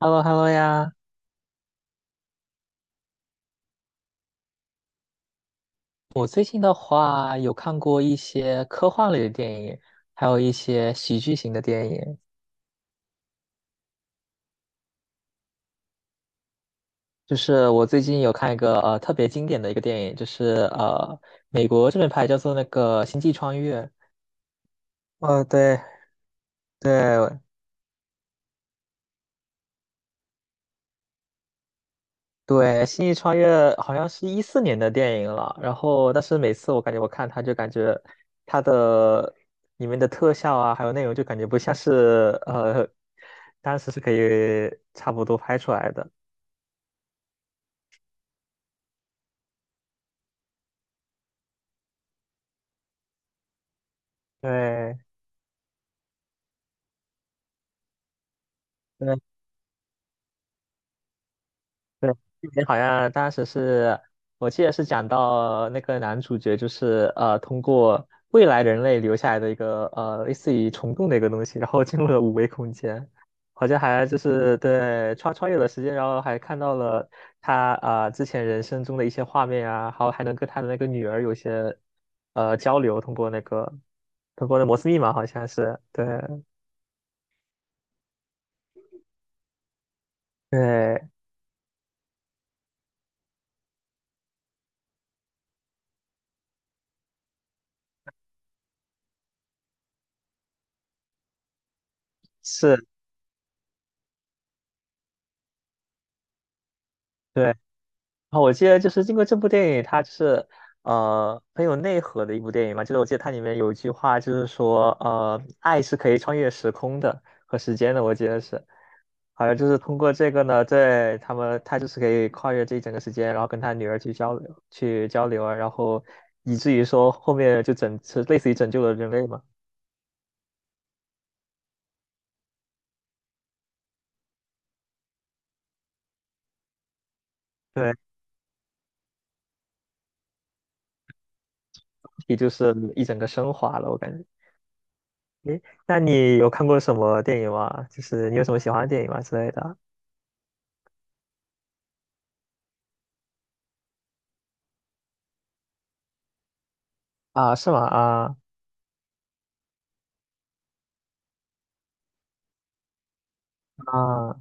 h e l l o h e l l o 呀！我最近的话有看过一些科幻类的电影，还有一些喜剧型的电影。就是我最近有看一个特别经典的一个电影，就是美国这边拍叫做那个《星际穿越》。哦，对对对，《星际穿越》好像是14年的电影了。然后，但是每次我感觉我看它就感觉它的里面的特效啊，还有内容就感觉不像是当时是可以差不多拍出来的。对，对对，这边好像当时是，我记得是讲到那个男主角就是通过未来人类留下来的一个类似于虫洞的一个东西，然后进入了五维空间，好像还就是 对穿越了时间，然后还看到了他啊、之前人生中的一些画面啊，还有还能跟他的那个女儿有些交流，通过那摩斯密码好像是对对是。对啊，我记得就是经过这部电影，它就是很有内核的一部电影嘛。就是我记得它里面有一句话，就是说爱是可以穿越时空的和时间的，我记得是，好像就是通过这个呢，对他们他就是可以跨越这一整个时间，然后跟他女儿去交流去交流啊，然后以至于说后面就是类似于拯救了人类嘛。对，也就是一整个升华了，我感觉。诶，那你有看过什么电影吗？就是你有什么喜欢的电影吗之类的？啊，是吗？啊。啊，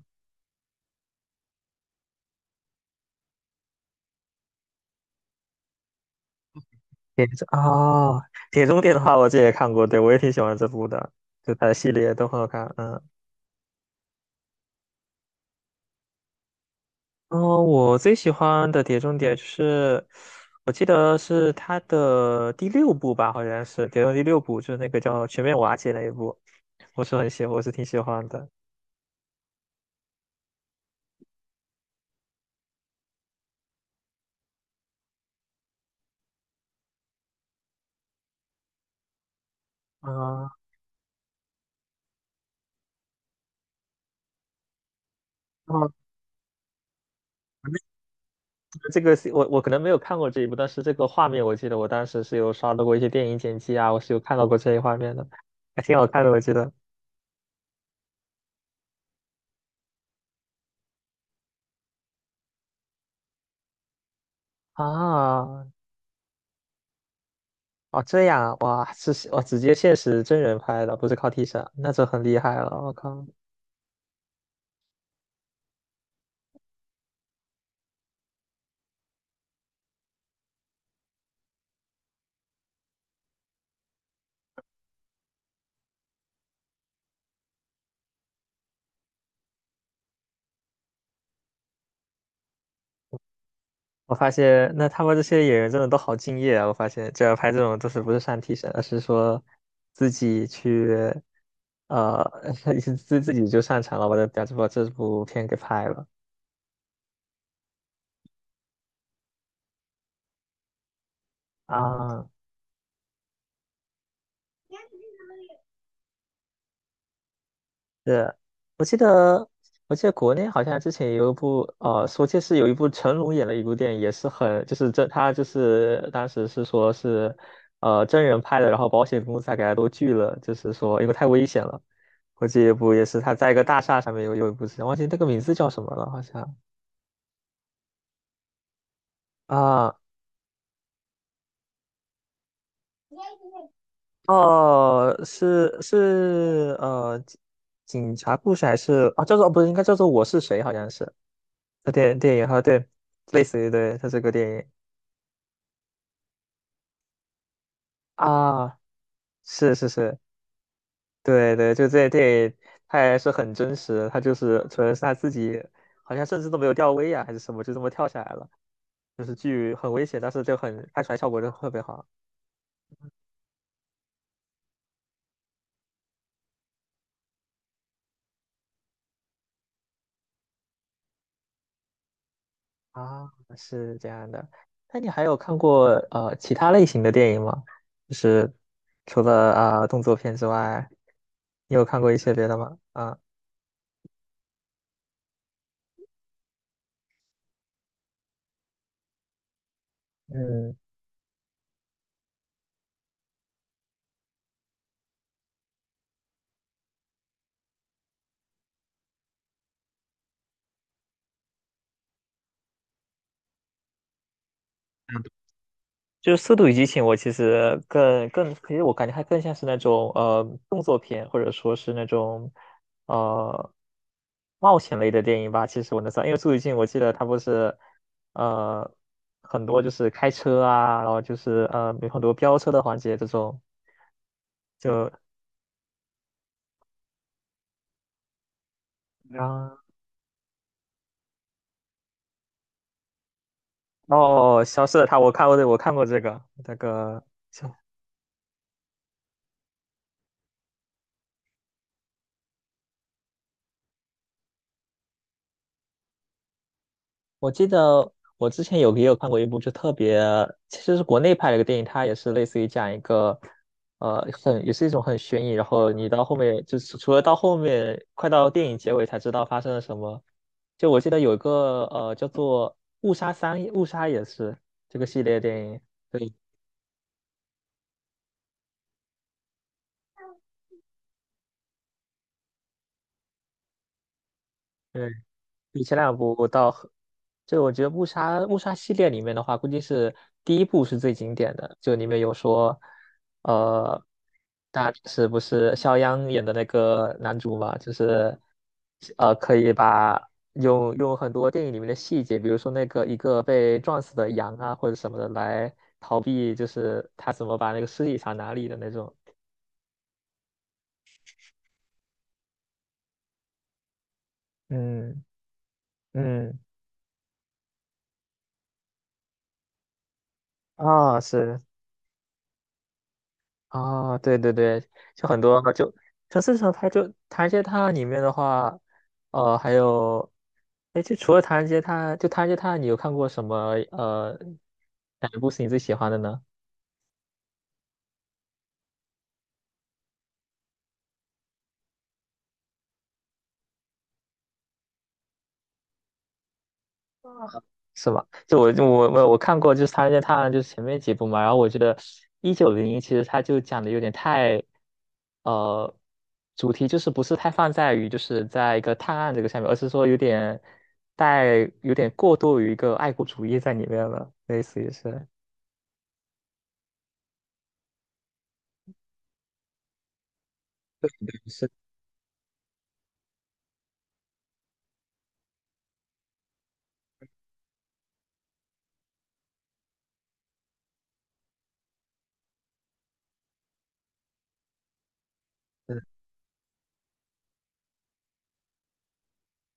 铁中啊，铁中谍的话，我这也看过，对，我也挺喜欢这部的，就它的系列都很好看。嗯，哦，我最喜欢的铁中谍就是，我记得是它的第六部吧，好像是铁中谍第六部，就是那个叫全面瓦解那一部，我是挺喜欢的。啊、哦，那个这个是我可能没有看过这一部，但是这个画面我记得我当时是有刷到过一些电影剪辑啊，我是有看到过这一画面的，还挺好看的，我记得。啊，哦，这样啊，哇，是我直接现实真人拍的，不是靠替身，那就很厉害了。我靠，我发现那他们这些演员真的都好敬业啊！我发现这要拍这种就是不是上替身，而是说自己去，呃，自己就上场了，把这部片给拍了啊。是，我记得，我记得国内好像之前有一部，说这是有一部成龙演了一部电影，也是很，就是这他就是当时是说是，真人拍的，然后保险公司还给他都拒了，就是说因为太危险了。我记得一部也是他在一个大厦上面有一部戏，忘记那个名字叫什么了，好像啊，哦，是是警察故事还是啊，叫做不是应该叫做我是谁，好像是。电影哈，对，类似于对，他这个电影。啊，是是是，对对，就这，他也是很真实，他就是纯是他自己，好像甚至都没有吊威亚还是什么，就这么跳下来了，就是剧很危险，但是就很拍出来效果就特别好啊，是这样的。那你还有看过其他类型的电影吗？就是除了啊、动作片之外，你有看过一些别的吗？啊，嗯。就是《速度与激情》，我其实更，其实我感觉它更像是那种动作片，或者说是那种呃冒险类的电影吧。其实我能算，因为《速度与激情》，我记得它不是呃很多就是开车啊，然后就是有很多飙车的环节这种，就然后哦消失的他，我看过这个那个我记得我之前有也有看过一部，就特别其实是国内拍的一个电影，它也是类似于讲一个，很也是一种很悬疑，然后你到后面就是除了到后面快到电影结尾才知道发生了什么。就我记得有一个叫做《误杀三》，《误杀》也是这个系列电影，对，比前两部到很，就我觉得误杀》《误杀》系列里面的话，估计是第一部是最经典的，就里面有说，呃，是不是肖央演的那个男主嘛，就是可以把用很多电影里面的细节，比如说那个一个被撞死的羊啊或者什么的来逃避，就是他怎么把那个尸体藏哪里的那种。嗯嗯，啊、是。啊、对对对，就很多就至少它就唐人街探案里面的话，还有哎，就除了唐人街探案，就唐人街探案，你有看过什么哪一部是你最喜欢的呢？是吧？就我看过，就是《唐人街探案》就是前面几部嘛，然后我觉得1901其实它就讲的有点太，呃，主题就是不是太放在于就是在一个探案这个上面，而是说有点带有点过度于一个爱国主义在里面了，类似于是是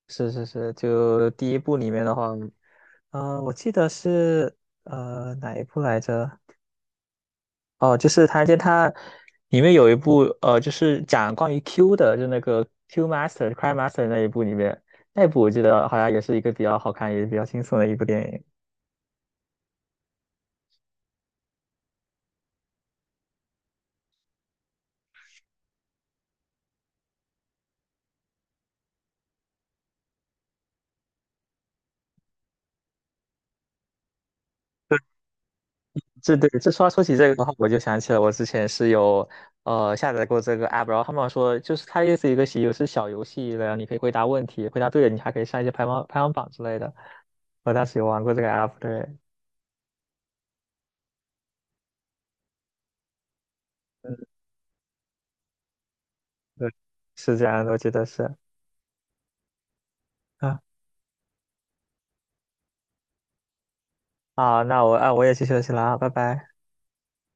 是是是，就第一部里面的话，嗯，我记得是哪一部来着？哦，就是它，就它里面有一部，就是讲关于 Q 的，就那个 Q Master、Cry Master 那一部里面，那一部我记得好像也是一个比较好看，也比较轻松的一部电影。这对，这说起这个的话，我就想起了我之前是有下载过这个 app，然后他们说就是它也是一个有是小游戏的，然后你可以回答问题，回答对了你还可以上一些排行榜之类的。我当时有玩过这个 app，对，嗯，对，是这样的，我记得是。啊，好，那我啊我也去休息了啊，拜拜。